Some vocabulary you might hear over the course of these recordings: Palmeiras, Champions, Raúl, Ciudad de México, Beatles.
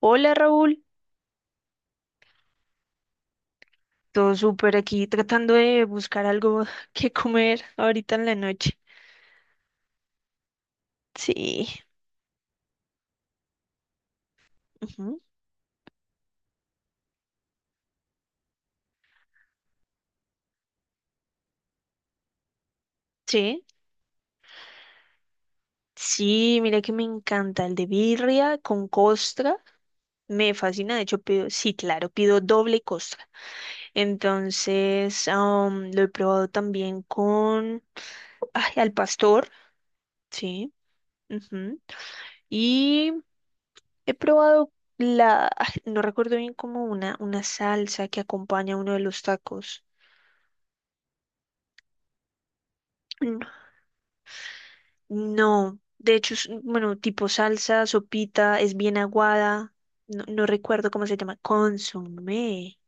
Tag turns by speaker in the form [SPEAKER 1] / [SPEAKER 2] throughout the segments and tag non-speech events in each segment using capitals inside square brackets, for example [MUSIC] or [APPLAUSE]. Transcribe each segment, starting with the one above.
[SPEAKER 1] Hola Raúl, todo súper aquí tratando de buscar algo [LAUGHS] que comer ahorita en la noche. Sí, ujú. Sí, sí, mira que me encanta el de birria con costra, me fascina, de hecho pido, sí, claro, pido doble costra. Entonces, lo he probado también con, ay, al pastor, sí, ujú. Y he probado la, ay, no recuerdo bien como una salsa que acompaña uno de los tacos. No, de hecho es, bueno, tipo salsa, sopita, es bien aguada. No, no recuerdo cómo se llama. Consomé.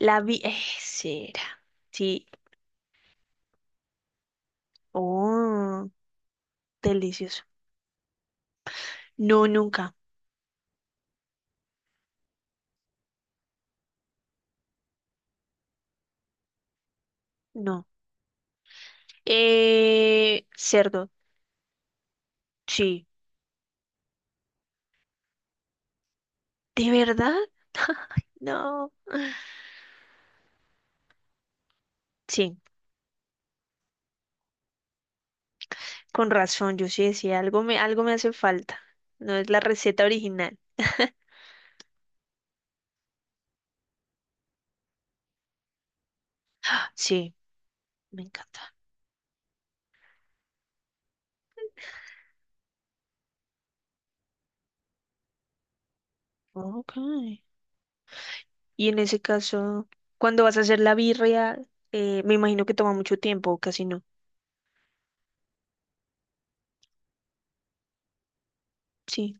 [SPEAKER 1] La vi. Será. Sí. Oh, delicioso. No, nunca. No. Cerdo. Sí. ¿De verdad? No. Sí. Con razón, yo sí decía, algo me hace falta. No es la receta original. [LAUGHS] Sí, me encanta. Ok. Y en ese caso, cuando vas a hacer la birria, me imagino que toma mucho tiempo, o casi no. Sí,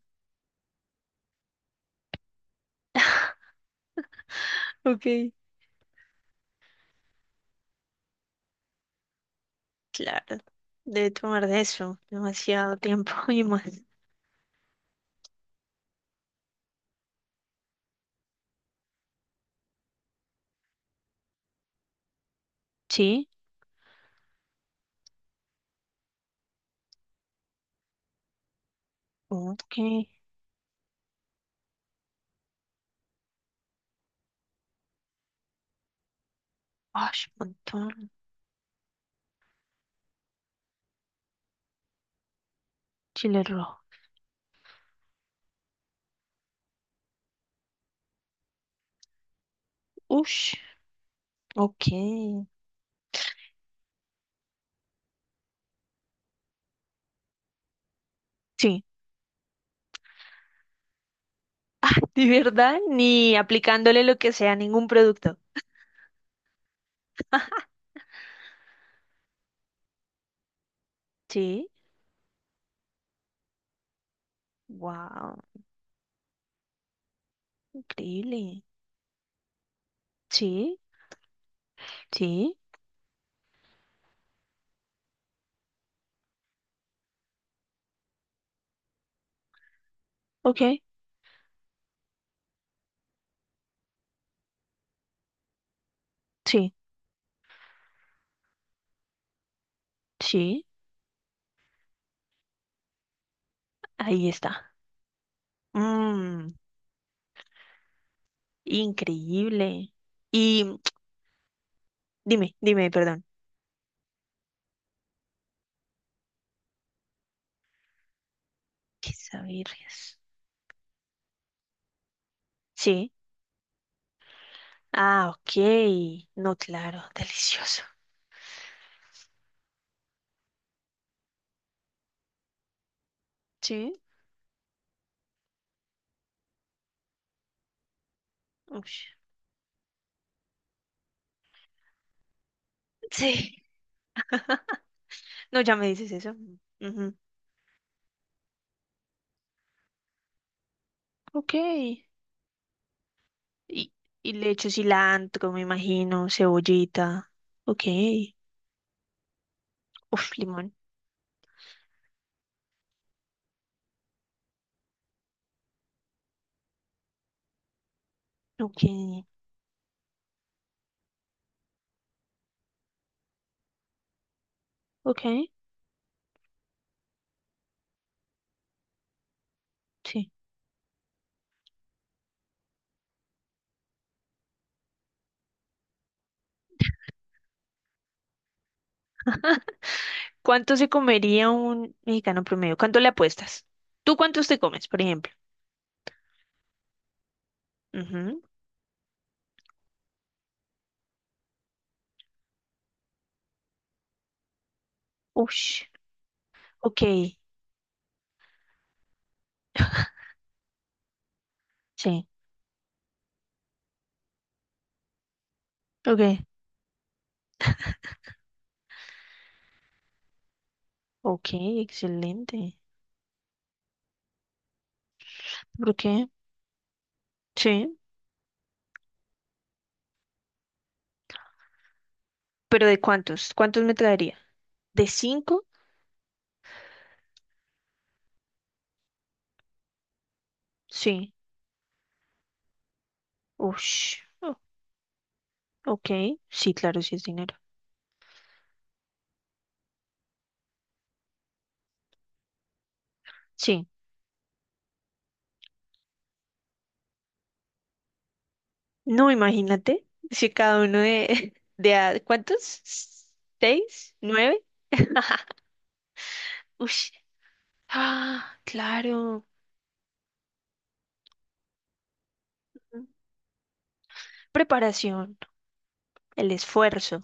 [SPEAKER 1] ok, claro. Debe tomar de eso, demasiado tiempo [LAUGHS] y más. Sí, ok. Ush, montón. Chile rojo. Ush, ok. Sí, [LAUGHS] de verdad, ni aplicándole lo que sea a ningún producto. Sí, wow, increíble. Sí, sí, ok, sí, sí, ahí está. Mmm. Increíble. Y [TSK] dime, dime, perdón. Pizza birrias. Sí. Ah, ok. No, claro, delicioso. Sí. Ush. Sí. [LAUGHS] No, ya me dices eso. Ujú. Ok. Y, y le echo cilantro, me imagino, cebollita. Ok. Uf, limón. Ok. Ok. Sí. [LAUGHS] ¿Cuánto se comería un mexicano promedio? ¿Cuánto le apuestas? ¿Tú cuántos te comes, por ejemplo? Ujú. Ush, ok, sí, ok, ok, excelente. ¿Por qué? Sí, pero ¿de cuántos? ¿Cuántos me traería? ¿De cinco? Sí, ush, ok, sí, claro, sí es dinero. Sí, no, imagínate, si cada uno de, [LAUGHS] ¿cuántos? ¿Seis? ¿Nueve? [LAUGHS] Ush, ah, claro. Preparación, el esfuerzo.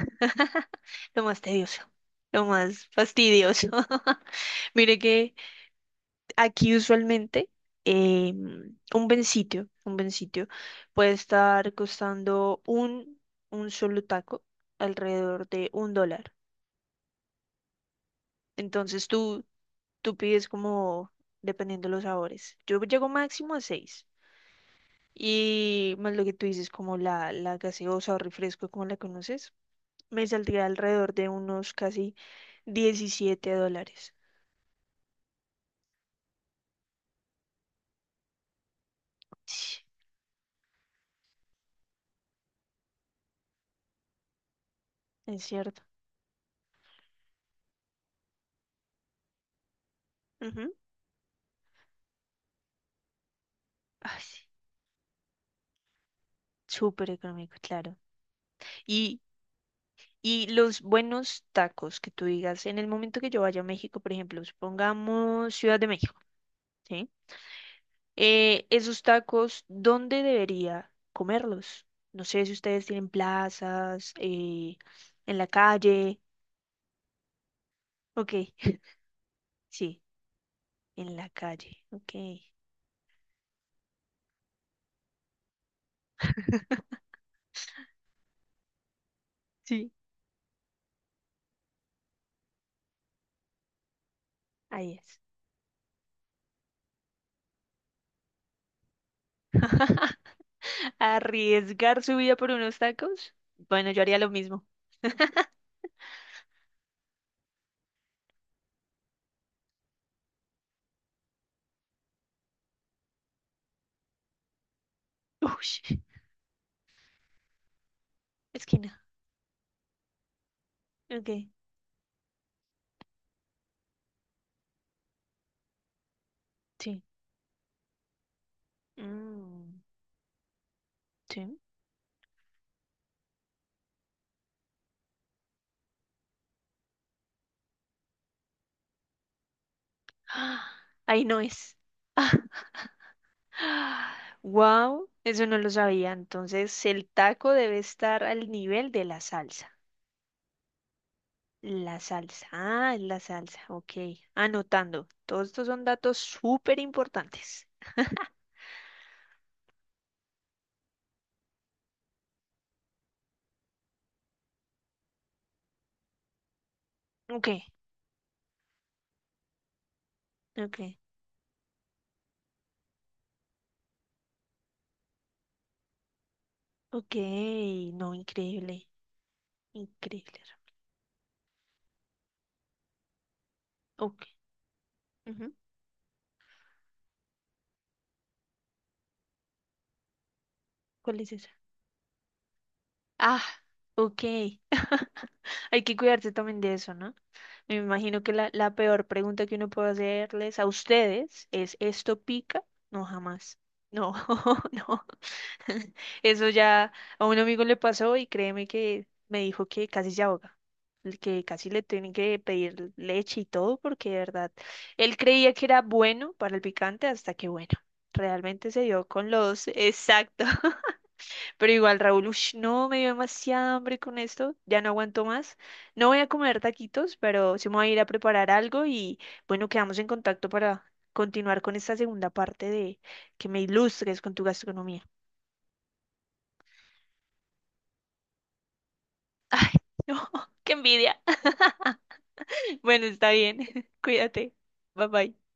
[SPEAKER 1] [LAUGHS] Lo más tedioso, lo más fastidioso. [LAUGHS] Mire que aquí usualmente eh, un buen sitio puede estar costando un, solo taco alrededor de $1. Entonces tú pides como dependiendo los sabores. Yo llego máximo a seis. Y más lo que tú dices, como la gaseosa o refresco, como la conoces, me saldría alrededor de unos casi $17. Sí, es cierto. Ujú. Ay, sí, súper económico, claro. Y, y los buenos tacos que tú digas, en el momento que yo vaya a México, por ejemplo, supongamos Ciudad de México, ¿sí? Esos tacos, ¿dónde debería comerlos? No sé si ustedes tienen plazas, en la calle. Ok, [LAUGHS] sí, en la calle. Ok, [LAUGHS] sí, ahí es. [LAUGHS] Arriesgar su vida por unos tacos. Bueno, yo haría lo mismo. Uy. Esquina. Ok. Sí. Mm, sí. ¡Ah! Ahí no es. [LAUGHS] Wow, eso no lo sabía. Entonces, el taco debe estar al nivel de la salsa. La salsa. Ah, es la salsa. Ok. Anotando. Todos estos son datos súper importantes. Ok, ok, ok. No, increíble. Increíble. Ok. Ujú. ¿Cuál es esa? Ah, ok. [LAUGHS] Hay que cuidarse también de eso, ¿no? Me imagino que la, peor pregunta que uno puede hacerles a ustedes es, ¿esto pica? No, jamás. No, [LAUGHS] no. [LAUGHS] Eso ya a un amigo le pasó y créeme que me dijo que casi se ahoga, el que casi le tienen que pedir leche y todo porque de verdad, él creía que era bueno para el picante hasta que bueno, realmente se dio con los, [LAUGHS] exacto, pero igual, Raúl, ush, no, me dio demasiada hambre con esto, ya no aguanto más. No voy a comer taquitos, pero sí me voy a ir a preparar algo y bueno, quedamos en contacto para continuar con esta segunda parte de que me ilustres con tu gastronomía. [LAUGHS] ¡Qué envidia! [LAUGHS] Bueno, está bien. [LAUGHS] Cuídate. Bye bye.